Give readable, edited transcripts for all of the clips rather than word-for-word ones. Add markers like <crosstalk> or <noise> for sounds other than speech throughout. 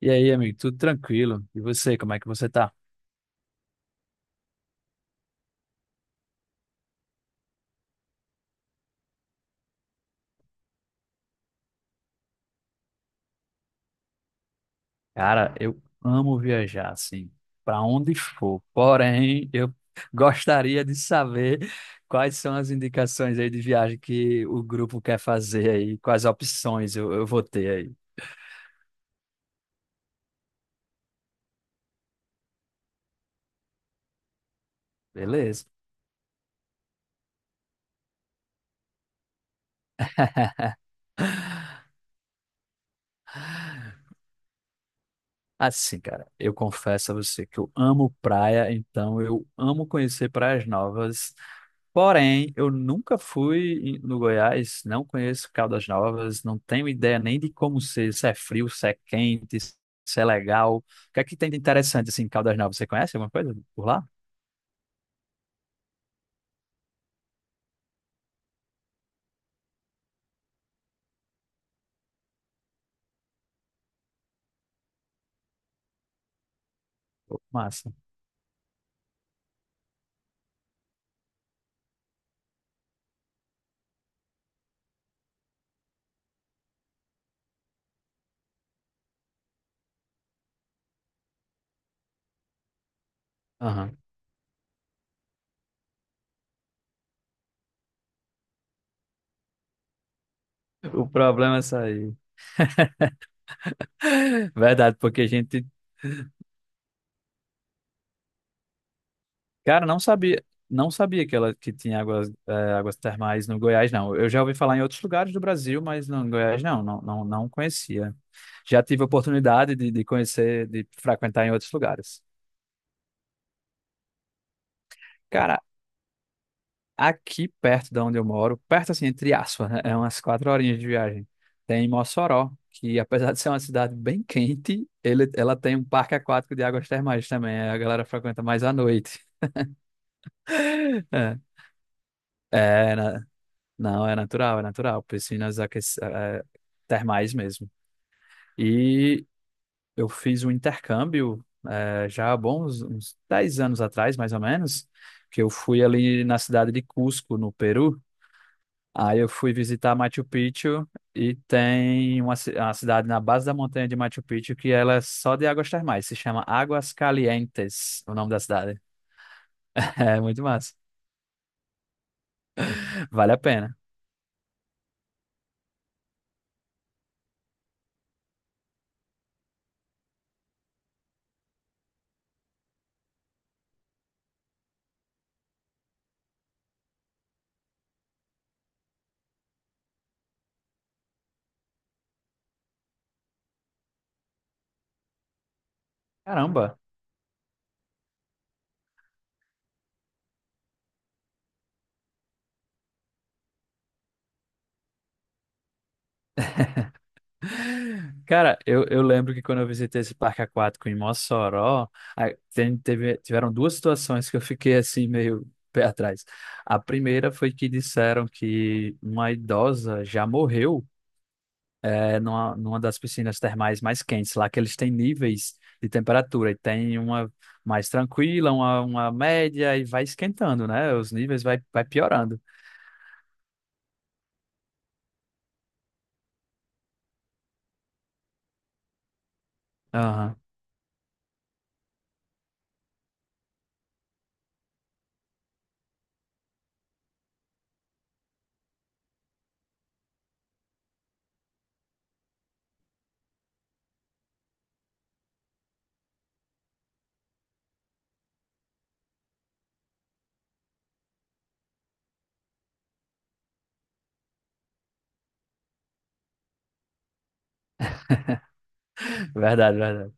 E aí, amigo, tudo tranquilo? E você, como é que você tá? Cara, eu amo viajar, assim, pra onde for. Porém, eu <laughs> gostaria de saber quais são as indicações aí de viagem que o grupo quer fazer aí, quais opções eu vou ter aí, beleza? Assim, cara, eu confesso a você que eu amo praia, então eu amo conhecer praias novas. Porém, eu nunca fui em- no Goiás, não conheço Caldas Novas, não tenho ideia nem de como ser, se é frio, se é quente, se é legal. O que é que tem de interessante assim em Caldas Novas? Você conhece alguma coisa por lá? Pô, massa. Aham. O problema é sair. <laughs> Verdade, porque não sabia, não sabia que ela que tinha águas, águas termais no Goiás, não. Eu já ouvi falar em outros lugares do Brasil, mas no Goiás não conhecia. Já tive a oportunidade de conhecer, de frequentar em outros lugares. Cara, aqui perto da onde eu moro, perto assim, entre aspas, né? É umas quatro horinhas de viagem. Tem Mossoró, que apesar <laughs> de ser uma cidade bem quente, ela tem um parque aquático de águas termais também. A galera frequenta mais à noite. <laughs> É, é, na- não, é natural, é natural. Termais mesmo. E eu fiz um intercâmbio já há bons uns 10 anos atrás, mais ou menos, que eu fui ali na cidade de Cusco, no Peru. Aí eu fui visitar Machu Picchu e tem uma cidade na base da montanha de Machu Picchu que ela é só de águas termais, se chama Águas Calientes, o nome da cidade. <laughs> É muito massa, vale a pena. Caramba! <laughs> Cara, eu lembro que quando eu visitei esse parque aquático em Mossoró, a- tiveram duas situações que eu fiquei assim meio pé atrás. A primeira foi que disseram que uma idosa já morreu numa, numa das piscinas termais mais quentes, lá que eles têm níveis de temperatura, e tem uma mais tranquila, uma média, e vai esquentando, né? Os níveis vai piorando. Aham. Verdade, verdade.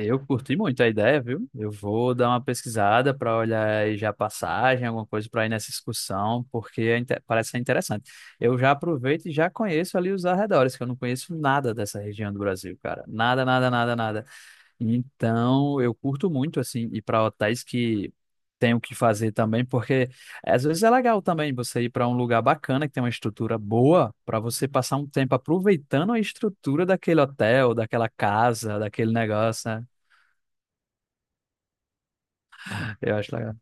Eu curti muito a ideia, viu? Eu vou dar uma pesquisada para olhar aí já a passagem, alguma coisa para ir nessa excursão, porque parece ser interessante. Eu já aproveito e já conheço ali os arredores, que eu não conheço nada dessa região do Brasil, cara. Nada, nada, nada, nada. Então, eu curto muito, assim, ir para hotéis que tem o que fazer também, porque às vezes é legal também você ir para um lugar bacana, que tem uma estrutura boa, para você passar um tempo aproveitando a estrutura daquele hotel, daquela casa, daquele negócio, né? Eu acho legal.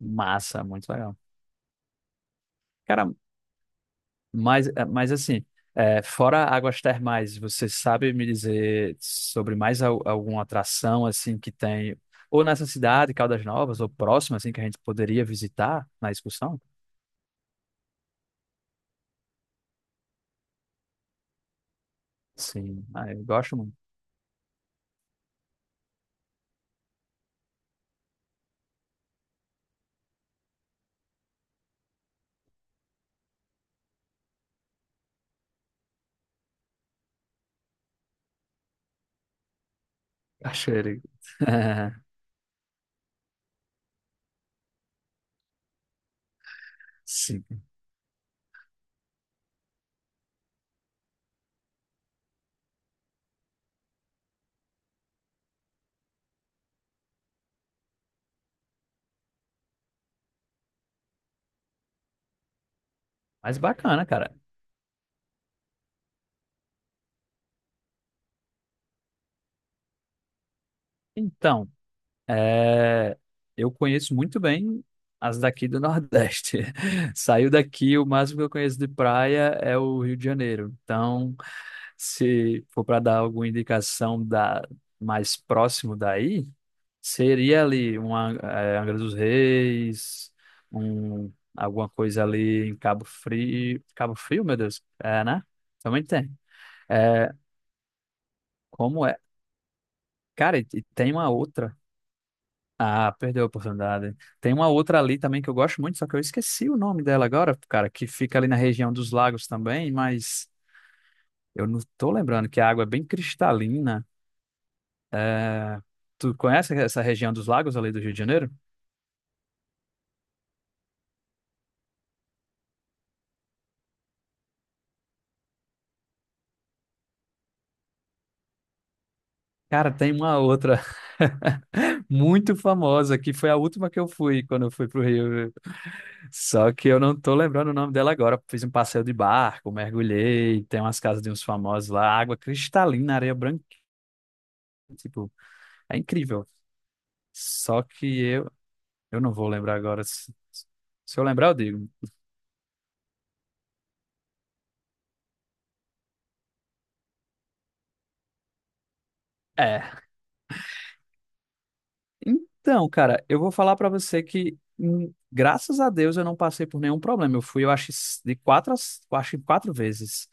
Massa, muito legal. Cara, mas, mas assim, fora águas termais, você sabe me dizer sobre alguma atração assim que tem, ou nessa cidade, Caldas Novas, ou próxima, assim, que a gente poderia visitar na excursão? Sim, ah, eu gosto muito. Cachoeira. <laughs> Sim, mas bacana, cara. Então, eh, eu conheço muito bem as daqui do Nordeste. <laughs> Saiu daqui, o máximo que eu conheço de praia é o Rio de Janeiro. Então, se for para dar alguma indicação da mais próximo daí, seria ali uma Angra dos Reis, um, alguma coisa ali em Cabo Frio, Cabo Frio, meu Deus, é, né? Também tem. É, como é? Cara, e tem uma outra. Ah, perdeu a oportunidade. Tem uma outra ali também que eu gosto muito, só que eu esqueci o nome dela agora, cara, que fica ali na região dos lagos também, mas eu não tô lembrando que a água é bem cristalina. Tu conhece essa região dos lagos ali do Rio de Janeiro? Cara, tem uma outra <laughs> muito famosa que foi a última que eu fui quando eu fui pro Rio. Só que eu não tô lembrando o nome dela agora. Fiz um passeio de barco, mergulhei, tem umas casas de uns famosos lá, água cristalina, areia branca, tipo, é incrível. Só que eu não vou lembrar agora. Se eu lembrar, eu digo. É. Então, cara, eu vou falar pra você que, graças a Deus, eu não passei por nenhum problema. Eu fui, eu acho, eu acho que quatro vezes.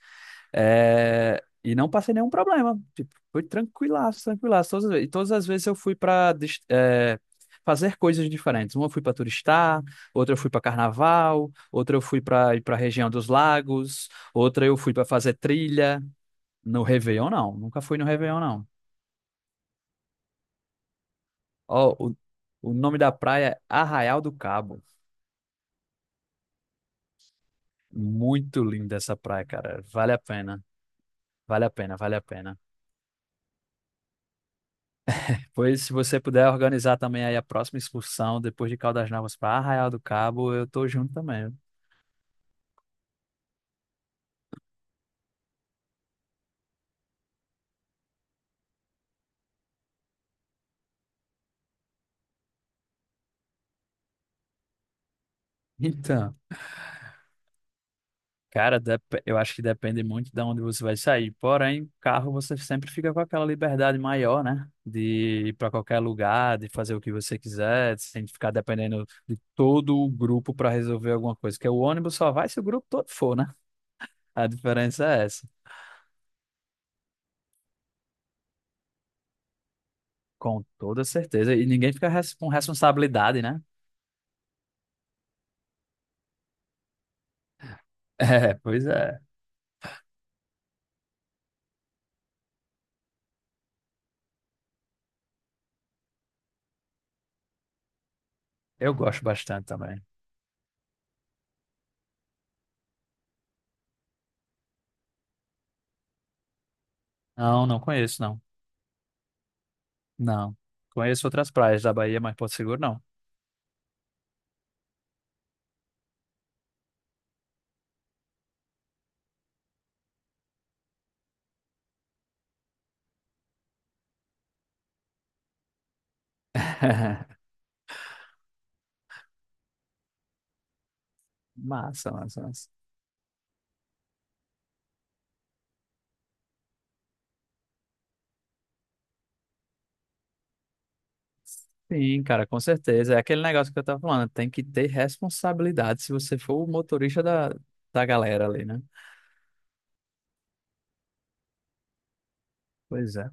É, e não passei nenhum problema. Tipo, foi tranquilaço, tranquilaço. Todas as vezes eu fui pra fazer coisas diferentes. Uma eu fui pra turistar, outra eu fui pra carnaval, outra eu fui pra ir pra região dos lagos, outra eu fui pra fazer trilha. No Réveillon, não. Nunca fui no Réveillon, não. Ó, o, o nome da praia é Arraial do Cabo. Muito linda essa praia, cara. Vale a pena. Vale a pena, vale a pena. Pois, se você puder organizar também aí a próxima excursão, depois de Caldas Novas para Arraial do Cabo, eu tô junto também, viu? Então, cara, eu acho que depende muito de onde você vai sair. Porém, carro você sempre fica com aquela liberdade maior, né? De ir para qualquer lugar, de fazer o que você quiser, sem ficar dependendo de todo o grupo para resolver alguma coisa. Porque o ônibus só vai se o grupo todo for, né? A diferença é essa. Com toda certeza. E ninguém fica com responsabilidade, né? É, pois é. Eu gosto bastante também. Não, não conheço, não. Não. Conheço outras praias da Bahia, mas Porto Seguro não. <laughs> Massa, massa, massa. Sim, cara, com certeza. É aquele negócio que eu tava falando. Tem que ter responsabilidade se você for o motorista da galera ali, né? Pois é.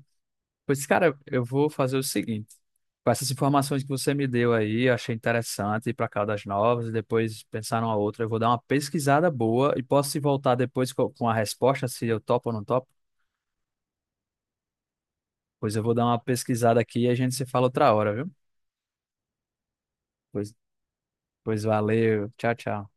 Pois, cara, eu vou fazer o seguinte. Com essas informações que você me deu aí, eu achei interessante ir para Caldas Novas e depois pensar numa outra. Eu vou dar uma pesquisada boa e posso se voltar depois com a resposta, se eu topo ou não topo. Pois eu vou dar uma pesquisada aqui e a gente se fala outra hora, viu? Pois, pois valeu. Tchau, tchau.